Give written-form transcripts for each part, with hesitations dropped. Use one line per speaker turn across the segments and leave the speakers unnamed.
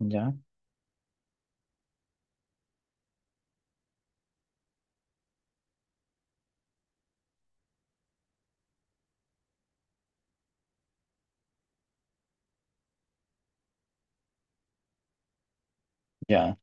Ya, ya,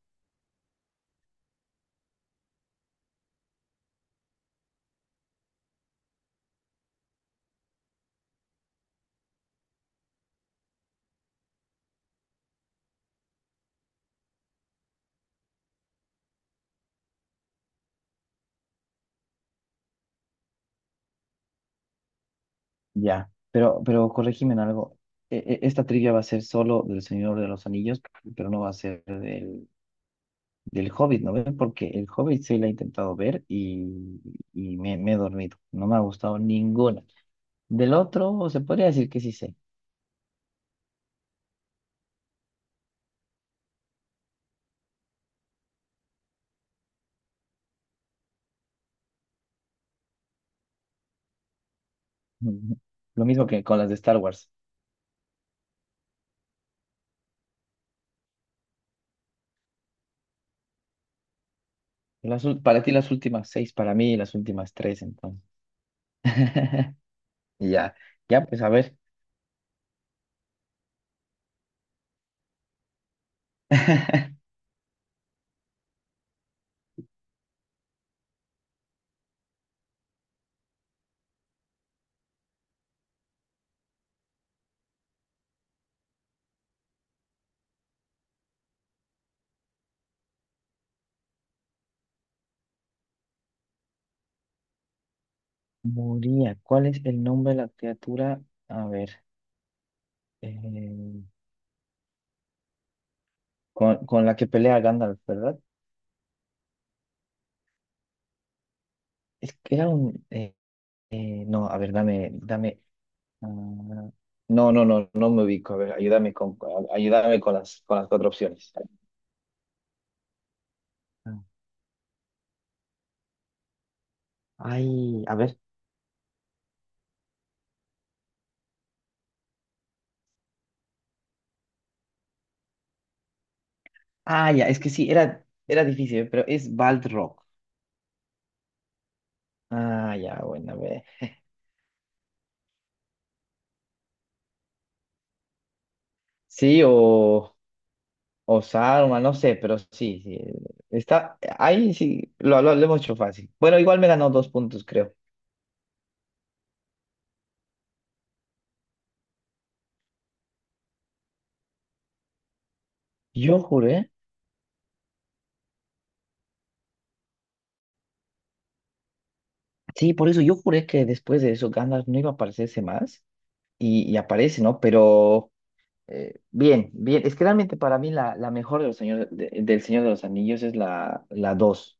ya. Pero corrígeme en algo. Esta trivia va a ser solo del Señor de los Anillos, pero no va a ser del Hobbit, ¿no ven? Porque el Hobbit sí la he intentado ver y me he dormido. No me ha gustado ninguna. Del otro, se podría decir que sí sé. Ujú. Lo mismo que con las de Star Wars. Para ti las últimas seis, para mí las últimas tres, entonces. Ya, ya, pues a ver. Moría, ¿cuál es el nombre de la criatura? A ver. eh, con la que pelea Gandalf, ¿verdad? Es que era no, a ver, dame. Ah, no, no, no, no me ubico. A ver, ayúdame con las cuatro opciones. Ah, ay, a ver. Ah, ya, es que sí, era difícil, ¿eh? Pero es Balrog. Ah, ya, bueno, a ver. Sí, o Saruman, no sé, pero sí, sí. Está, ahí sí, lo hemos hecho fácil. Bueno, igual me ganó dos puntos, creo. Yo juré. Sí, por eso yo juré que después de eso Gandalf no iba a aparecerse más y aparece, ¿no? Pero bien, bien, es que realmente para mí la mejor de los señor, de- del Señor de los Anillos es la dos,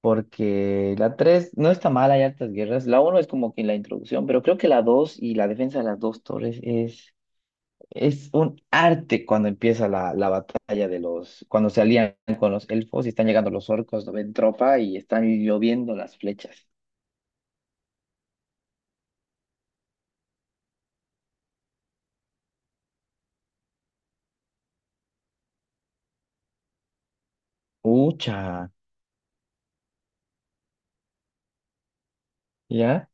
porque la 3 no está mal, hay hartas guerras, la uno es como que la introducción, pero creo que la 2 y la defensa de las dos torres es un arte cuando empieza la batalla cuando se alían con los elfos y están llegando los orcos, no ven tropa y están lloviendo las flechas. Ucha. ¿Ya?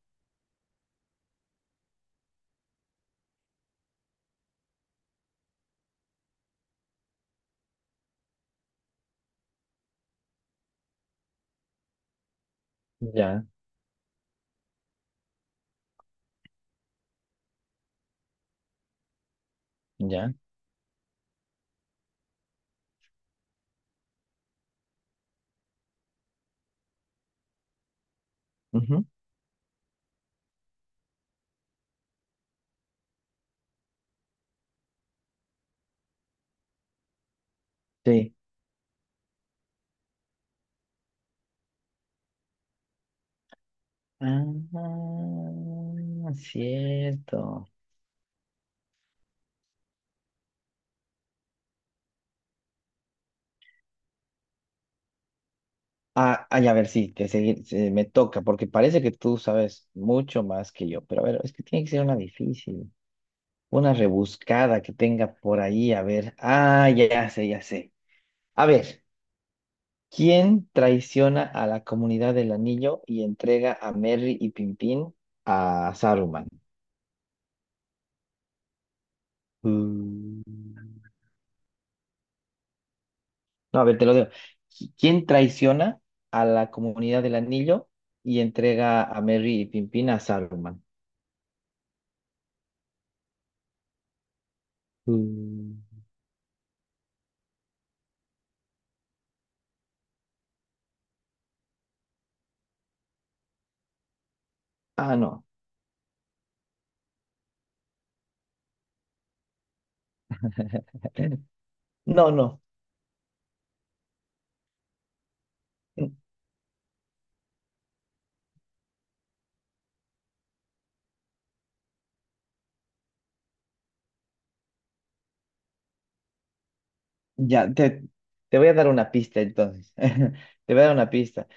Ya, ya. Ujú. Sí. Ah, cierto. Ah, ay, a ver, sí, me toca, porque parece que tú sabes mucho más que yo, pero a ver, es que tiene que ser una difícil, una rebuscada que tenga por ahí, a ver. Ah, ya, ya sé, ya sé. A ver, ¿quién traiciona a la comunidad del anillo y entrega a Merry y Pimpín a Saruman? Mm. No, a ver, te lo digo. ¿Quién traiciona a la comunidad del anillo y entrega a Merry y Pimpín a Saruman? Mm. Ah, no. No, no. Ya, te voy a dar una pista entonces. Te voy a dar una pista.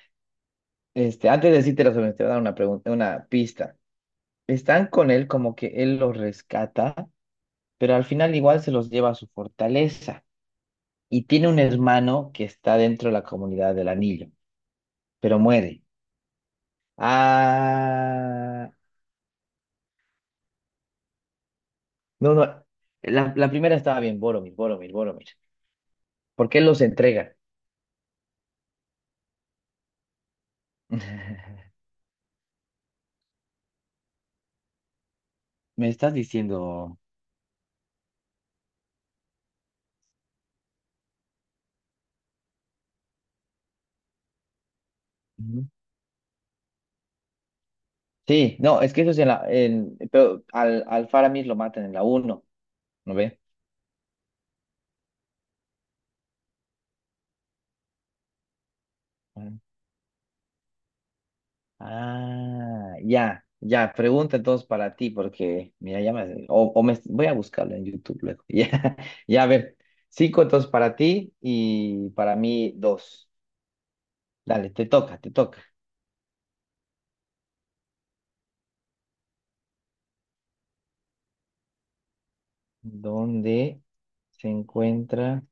Este, antes de decirte las opciones, te voy a dar una pregunta, una pista. Están con él como que él los rescata, pero al final igual se los lleva a su fortaleza. Y tiene un hermano que está dentro de la comunidad del anillo, pero muere. Ah. No, no. La primera estaba bien, Boromir, Boromir, Boromir. ¿Por qué los entrega? Me estás diciendo. Ujú. Sí, no, es que eso es pero al Faramir lo matan en la uno, ¿no ve? Ujú. Ah, ya, ya. Pregunta entonces para ti, porque mira, ya me. O me voy a buscarlo en YouTube luego. Ya, ya, a ver. Cinco entonces para ti y para mí dos. Dale, te toca, te toca. ¿Dónde se encuentra?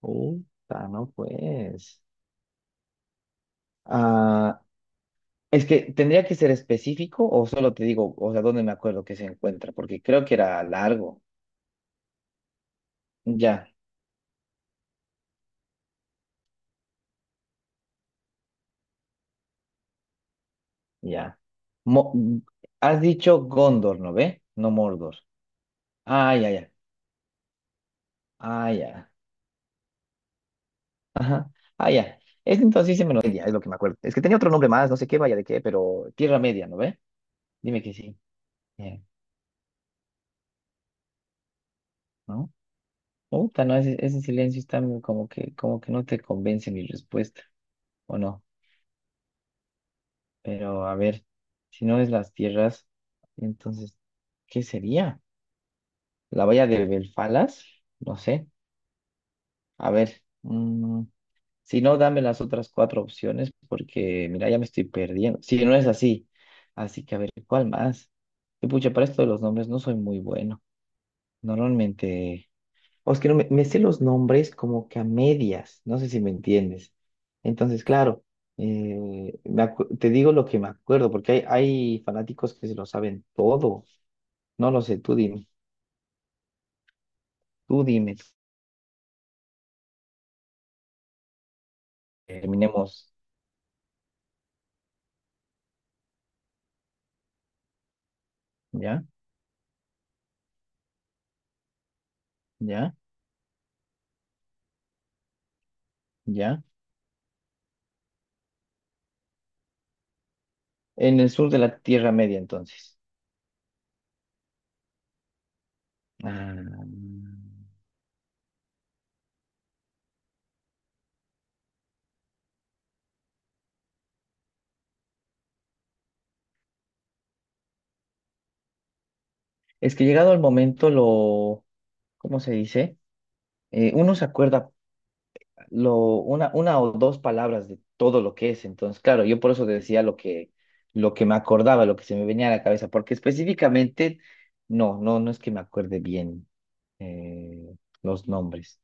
Puta, no pues. Ah, es que tendría que ser específico o solo te digo, o sea, dónde me acuerdo que se encuentra, porque creo que era largo. Ya, ya. Mo- Has dicho Gondor, ¿no ve? No Mordor. Ah, ya, ya. Ah, ya. Ajá. Ah, ya. Es entonces sí me lo ya, es lo que me acuerdo. Es que tenía otro nombre más, no sé qué vaya de qué, pero Tierra Media, ¿no ve? Dime que sí. Bien, ¿no? Puta, no, ese silencio está como que no te convence mi respuesta, ¿o no? Pero a ver, si no es las tierras, entonces, ¿qué sería? ¿La valla de Belfalas? No sé. A ver, si no, dame las otras cuatro opciones porque, mira, ya me estoy perdiendo. Si no es así. Así que, a ver, ¿cuál más? Y pucha, para esto de los nombres no soy muy bueno. Normalmente. O es que no me sé los nombres como que a medias, no sé si me entiendes. Entonces, claro, te digo lo que me acuerdo, porque hay fanáticos que se lo saben todo. No lo sé, tú dime, tú dime. Terminemos. ¿Ya? ¿Ya? ¿Ya? En el sur de la Tierra Media, entonces. Ah, es que llegado el momento, lo, ¿cómo se dice? Uno se acuerda una o dos palabras de todo lo que es. Entonces, claro, yo por eso te decía lo que me acordaba, lo que se me venía a la cabeza, porque específicamente, no, no, no es que me acuerde bien eh, los nombres.